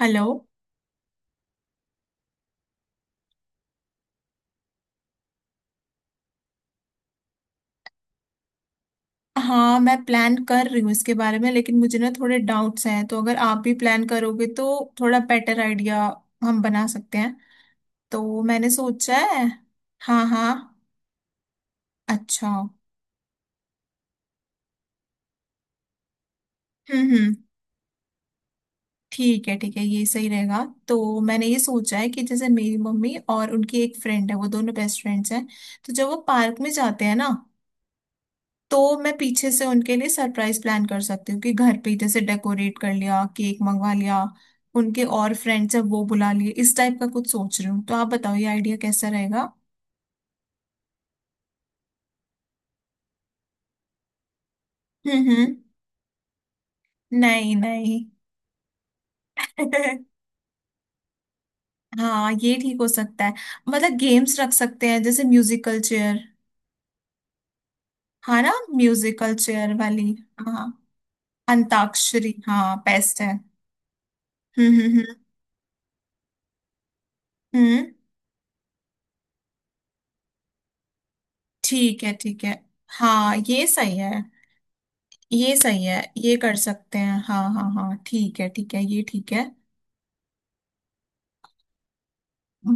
Hello. हाँ, मैं plan कर रही हूँ इसके बारे में, लेकिन मुझे ना थोड़े डाउट्स हैं। तो अगर आप भी प्लान करोगे तो थोड़ा बेटर आइडिया हम बना सकते हैं। तो मैंने सोचा है। हाँ हाँ। अच्छा। हम्म। हम्म ठीक है ठीक है, ये सही रहेगा। तो मैंने ये सोचा है कि जैसे मेरी मम्मी और उनकी एक फ्रेंड है, वो दोनों बेस्ट फ्रेंड्स हैं। तो जब वो पार्क में जाते हैं ना, तो मैं पीछे से उनके लिए सरप्राइज प्लान कर सकती हूँ कि घर पे ही जैसे डेकोरेट कर लिया, केक मंगवा लिया, उनके और फ्रेंड्स है वो बुला लिए, इस टाइप का कुछ सोच रही हूँ। तो आप बताओ ये आइडिया कैसा रहेगा। हम्म हम्म नहीं नहीं। हाँ, ये ठीक हो सकता है। मतलब गेम्स रख सकते हैं जैसे म्यूजिकल चेयर। हाँ ना, म्यूजिकल चेयर वाली। हाँ, अंताक्षरी, हाँ, बेस्ट है। हम्म हम्म हम्म हम्म, ठीक है ठीक है। हाँ, ये सही है। ये सही है, ये कर सकते हैं। हाँ हाँ हाँ, ठीक है ठीक है, ये ठीक है।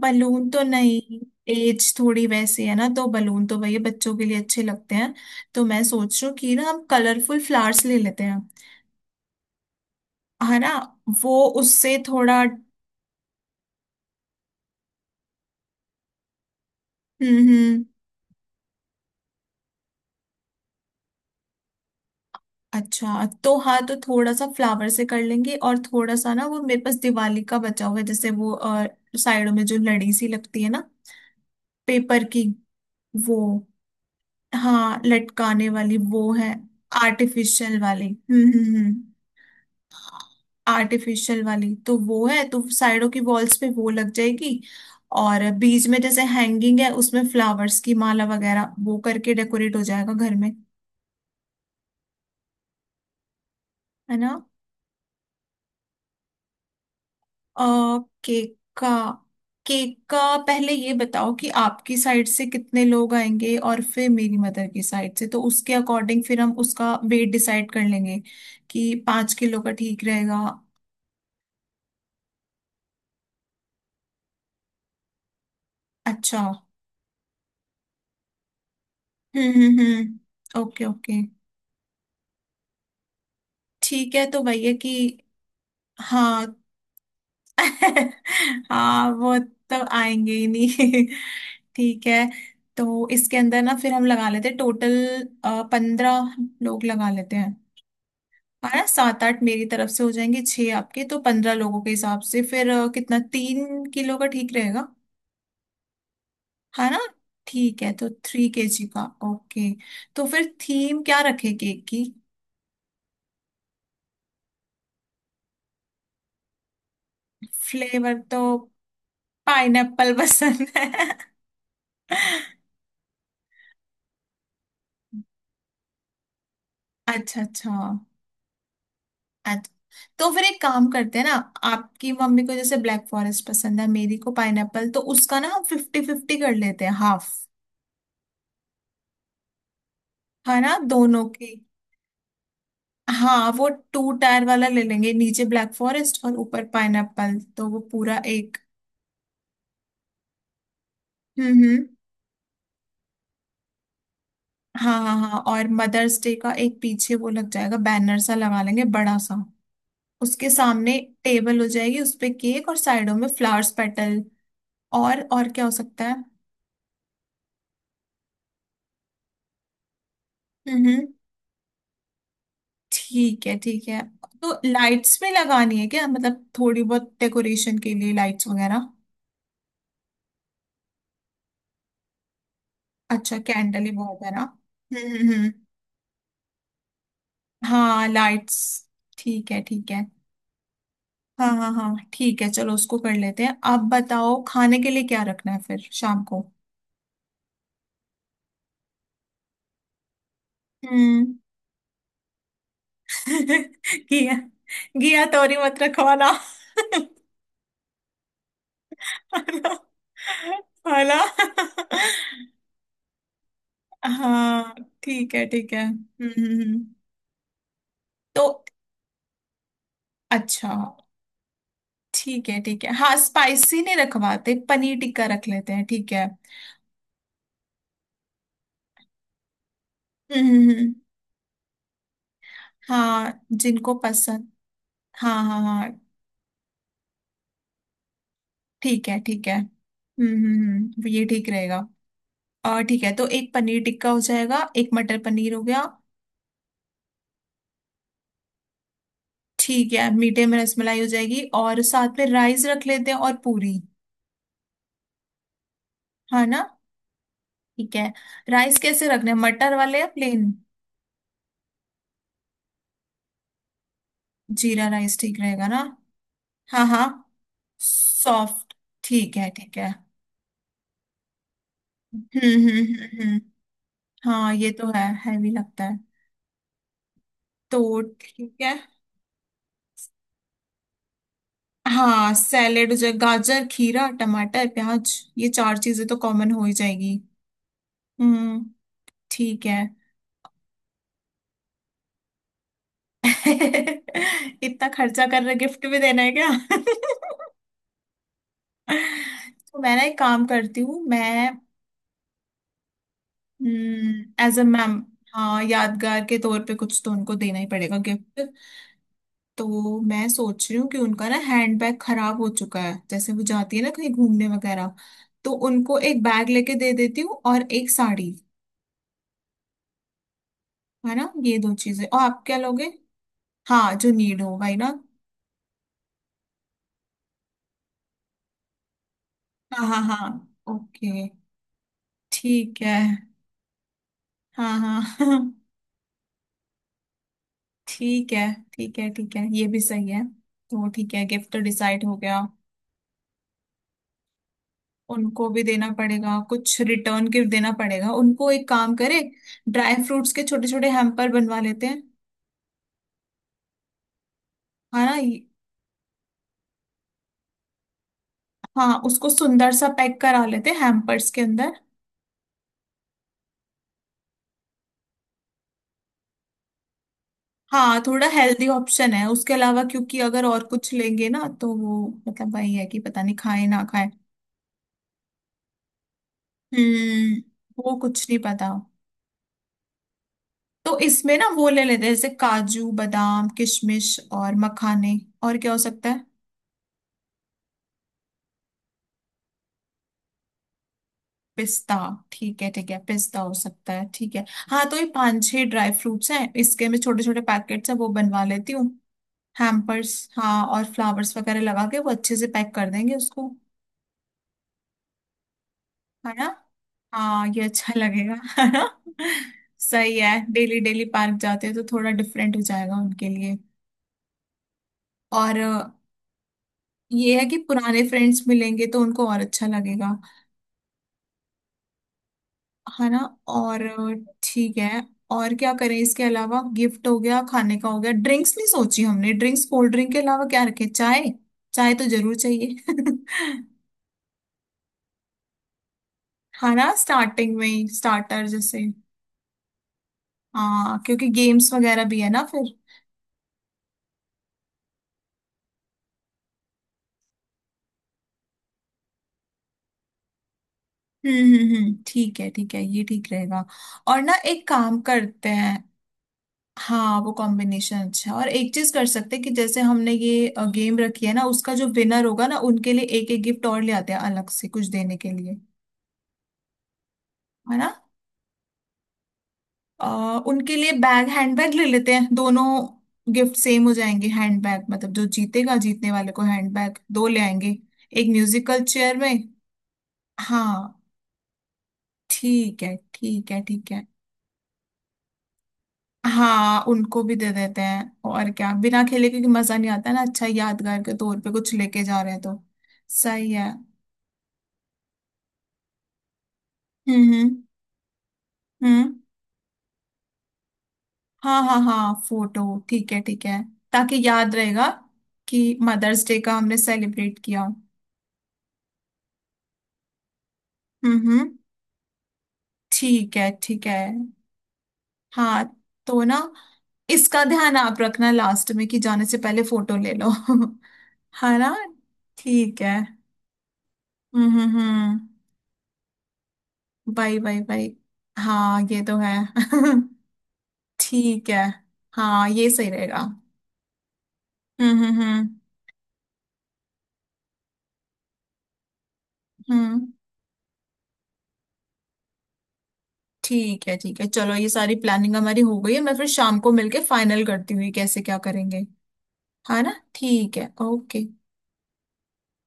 बलून तो नहीं, एज थोड़ी वैसी है ना, तो बलून तो भैया बच्चों के लिए अच्छे लगते हैं। तो मैं सोच रही हूँ कि ना हम कलरफुल फ्लावर्स ले लेते हैं। है ना, वो उससे थोड़ा। हम्म हम्म अच्छा तो हाँ, तो थोड़ा सा फ्लावर से कर लेंगे, और थोड़ा सा ना वो मेरे पास दिवाली का बचा हुआ है जैसे वो साइडों में जो लड़ी सी लगती है ना, पेपर की, वो। हाँ लटकाने वाली वो है। आर्टिफिशियल वाली। आर्टिफिशियल वाली तो वो है, तो साइडों की वॉल्स पे वो लग जाएगी, और बीच में जैसे हैंगिंग है उसमें फ्लावर्स की माला वगैरह वो करके डेकोरेट हो जाएगा घर में। है ना। अ केक का, केक का पहले ये बताओ कि आपकी साइड से कितने लोग आएंगे, और फिर मेरी मदर की साइड से, तो उसके अकॉर्डिंग फिर हम उसका वेट डिसाइड कर लेंगे कि 5 किलो का ठीक रहेगा। अच्छा। Okay okay. ठीक है तो भैया कि हाँ। हाँ वो, तो आएंगे ही नहीं। ठीक है। तो इसके अंदर ना फिर हम लगा लेते हैं टोटल 15 लोग लगा लेते हैं। है ना, सात आठ मेरी तरफ से हो जाएंगे, छह आपके, तो 15 लोगों के हिसाब से फिर कितना, 3 किलो का ठीक रहेगा। है ना, ठीक है, तो 3 kg का। ओके। तो फिर थीम क्या रखे केक की। फ्लेवर तो पाइनएप्पल पसंद है। अच्छा अच्छा। अच्छा तो फिर एक काम करते हैं ना, आपकी मम्मी को जैसे ब्लैक फॉरेस्ट पसंद है, मेरी को पाइनएप्पल, तो उसका ना हम फिफ्टी फिफ्टी कर लेते हैं, हाफ। है ना, दोनों की। हाँ वो टू टायर वाला ले लेंगे, नीचे ब्लैक फॉरेस्ट और ऊपर पाइनएप्पल, तो वो पूरा एक। हम्म हम्म हाँ हाँ हाँ, और मदर्स डे का एक पीछे वो लग जाएगा, बैनर सा लगा लेंगे बड़ा सा। उसके सामने टेबल हो जाएगी, उस पे केक, और साइडों में फ्लावर्स पेटल। और क्या हो सकता है। हम्म। ठीक है ठीक है। तो लाइट्स में लगानी है क्या, मतलब थोड़ी बहुत डेकोरेशन के लिए लाइट्स वगैरह। अच्छा, कैंडल ही बहुत है ना। हम्म हम्म हम्म। हाँ लाइट्स, ठीक है ठीक है। हाँ हाँ हाँ, ठीक है, चलो उसको कर लेते हैं। आप बताओ खाने के लिए क्या रखना है फिर शाम को। हम्म। घिया, घिया तोरी मत रखवाना। है ना। हाँ ठीक है ठीक है। तो अच्छा ठीक है ठीक है। हाँ, स्पाइसी नहीं रखवाते, पनीर टिक्का रख लेते हैं, ठीक है। हम्म हम्म, हम्म, हाँ जिनको पसंद। हाँ हाँ हाँ, ठीक है ठीक है। ये ठीक रहेगा। और ठीक है, तो एक पनीर टिक्का हो जाएगा, एक मटर पनीर हो गया। ठीक है, मीठे में रसमलाई हो जाएगी, और साथ में राइस रख लेते हैं और पूरी। हाँ ना। ठीक है। राइस कैसे रखने हैं, मटर वाले या प्लेन। जीरा राइस ठीक रहेगा ना। हाँ हाँ, सॉफ्ट। ठीक है ठीक है। हम्म हम्म हम्म, हम्म। हाँ ये तो है, हैवी लगता है। तो ठीक है। हाँ, सैलेड हो जाए, गाजर खीरा टमाटर प्याज, ये चार चीजें तो कॉमन हो ही जाएगी। हम्म। ठीक है। इतना खर्चा कर रहे, गिफ्ट भी देना है क्या। तो मैं ना एक काम करती हूँ, मैं एज अ मैम, हाँ यादगार के तौर पे कुछ तो उनको देना ही पड़ेगा गिफ्ट। तो मैं सोच रही हूँ कि उनका ना हैंड बैग खराब हो चुका है, जैसे वो जाती है ना कहीं घूमने वगैरह, तो उनको एक बैग लेके दे देती हूँ और एक साड़ी। है ना, ये दो चीजें। और आप क्या लोगे। हाँ जो नीड हो भाई ना। हाँ हाँ हाँ। ओके। ठीक है। हाँ हाँ। ठीक है ठीक है, ठीक है ये भी सही है। तो ठीक है, गिफ्ट तो डिसाइड हो गया। उनको भी देना पड़ेगा कुछ, रिटर्न गिफ्ट देना पड़ेगा, उनको एक काम करे, ड्राई फ्रूट्स के छोटे छोटे हैम्पर बनवा लेते हैं। हाँ ना, ये हाँ, उसको सुंदर सा पैक करा लेते हैं हैम्पर्स के अंदर। हाँ थोड़ा हेल्दी ऑप्शन है उसके अलावा, क्योंकि अगर और कुछ लेंगे ना तो वो मतलब वही है कि पता नहीं खाए ना खाए। हम्म। वो कुछ नहीं पता। तो इसमें ना वो ले लेते हैं, जैसे काजू बादाम किशमिश और मखाने, और क्या हो सकता है, पिस्ता। ठीक है ठीक है, पिस्ता हो सकता है, ठीक है। हाँ तो ये पांच छह ड्राई फ्रूट्स हैं इसके, मैं छोटे छोटे पैकेट्स हैं वो बनवा लेती हूँ, हैम्पर्स। हाँ और फ्लावर्स वगैरह लगा के वो अच्छे से पैक कर देंगे उसको। है ना। हाँ, ये अच्छा लगेगा है ना। सही है, डेली डेली पार्क जाते हैं तो थोड़ा डिफरेंट हो जाएगा उनके लिए। और ये है कि पुराने फ्रेंड्स मिलेंगे तो उनको और अच्छा लगेगा। है ना। और ठीक है। और क्या करें इसके अलावा, गिफ्ट हो गया, खाने का हो गया, ड्रिंक्स नहीं सोची हमने, ड्रिंक्स कोल्ड ड्रिंक के अलावा क्या रखें, चाय, चाय तो जरूर चाहिए। है ना, स्टार्टिंग में ही, स्टार्टर जैसे। हाँ क्योंकि गेम्स वगैरह भी है ना फिर। ठीक है ठीक है, ये ठीक रहेगा। और ना एक काम करते हैं। हाँ वो कॉम्बिनेशन अच्छा है। और एक चीज कर सकते हैं कि जैसे हमने ये गेम रखी है ना, उसका जो विनर होगा ना, उनके लिए एक एक गिफ्ट और ले आते हैं अलग से कुछ देने के लिए। है ना। उनके लिए बैग, हैंडबैग ले लेते हैं दोनों। गिफ्ट सेम हो जाएंगे हैंडबैग, मतलब जो जीतेगा, जीतने वाले को हैंडबैग दो ले आएंगे, एक म्यूजिकल चेयर में। हाँ, ठीक है ठीक है ठीक है। हाँ उनको भी दे देते हैं, और क्या बिना खेले, क्योंकि मजा नहीं आता ना, अच्छा यादगार के तौर पे कुछ लेके जा रहे हैं तो। सही है। हम्म हम्म हम्म। हाँ हाँ हाँ, फोटो, ठीक है ठीक है, ताकि याद रहेगा कि मदर्स डे का हमने सेलिब्रेट किया। हम्म हम्म ठीक है ठीक है। हाँ तो ना, इसका ध्यान आप रखना लास्ट में कि जाने से पहले फोटो ले लो। है ना, ठीक है। हम्म हम्म हम्म बाई बाई बाई। हाँ ये तो है। ठीक है। हाँ ये सही रहेगा। हम्म हम्म हम्म हम्म ठीक है ठीक है, चलो ये सारी प्लानिंग हमारी हो गई है, मैं फिर शाम को मिलके फाइनल करती हूँ ये कैसे क्या करेंगे। है ना, ठीक है, ओके।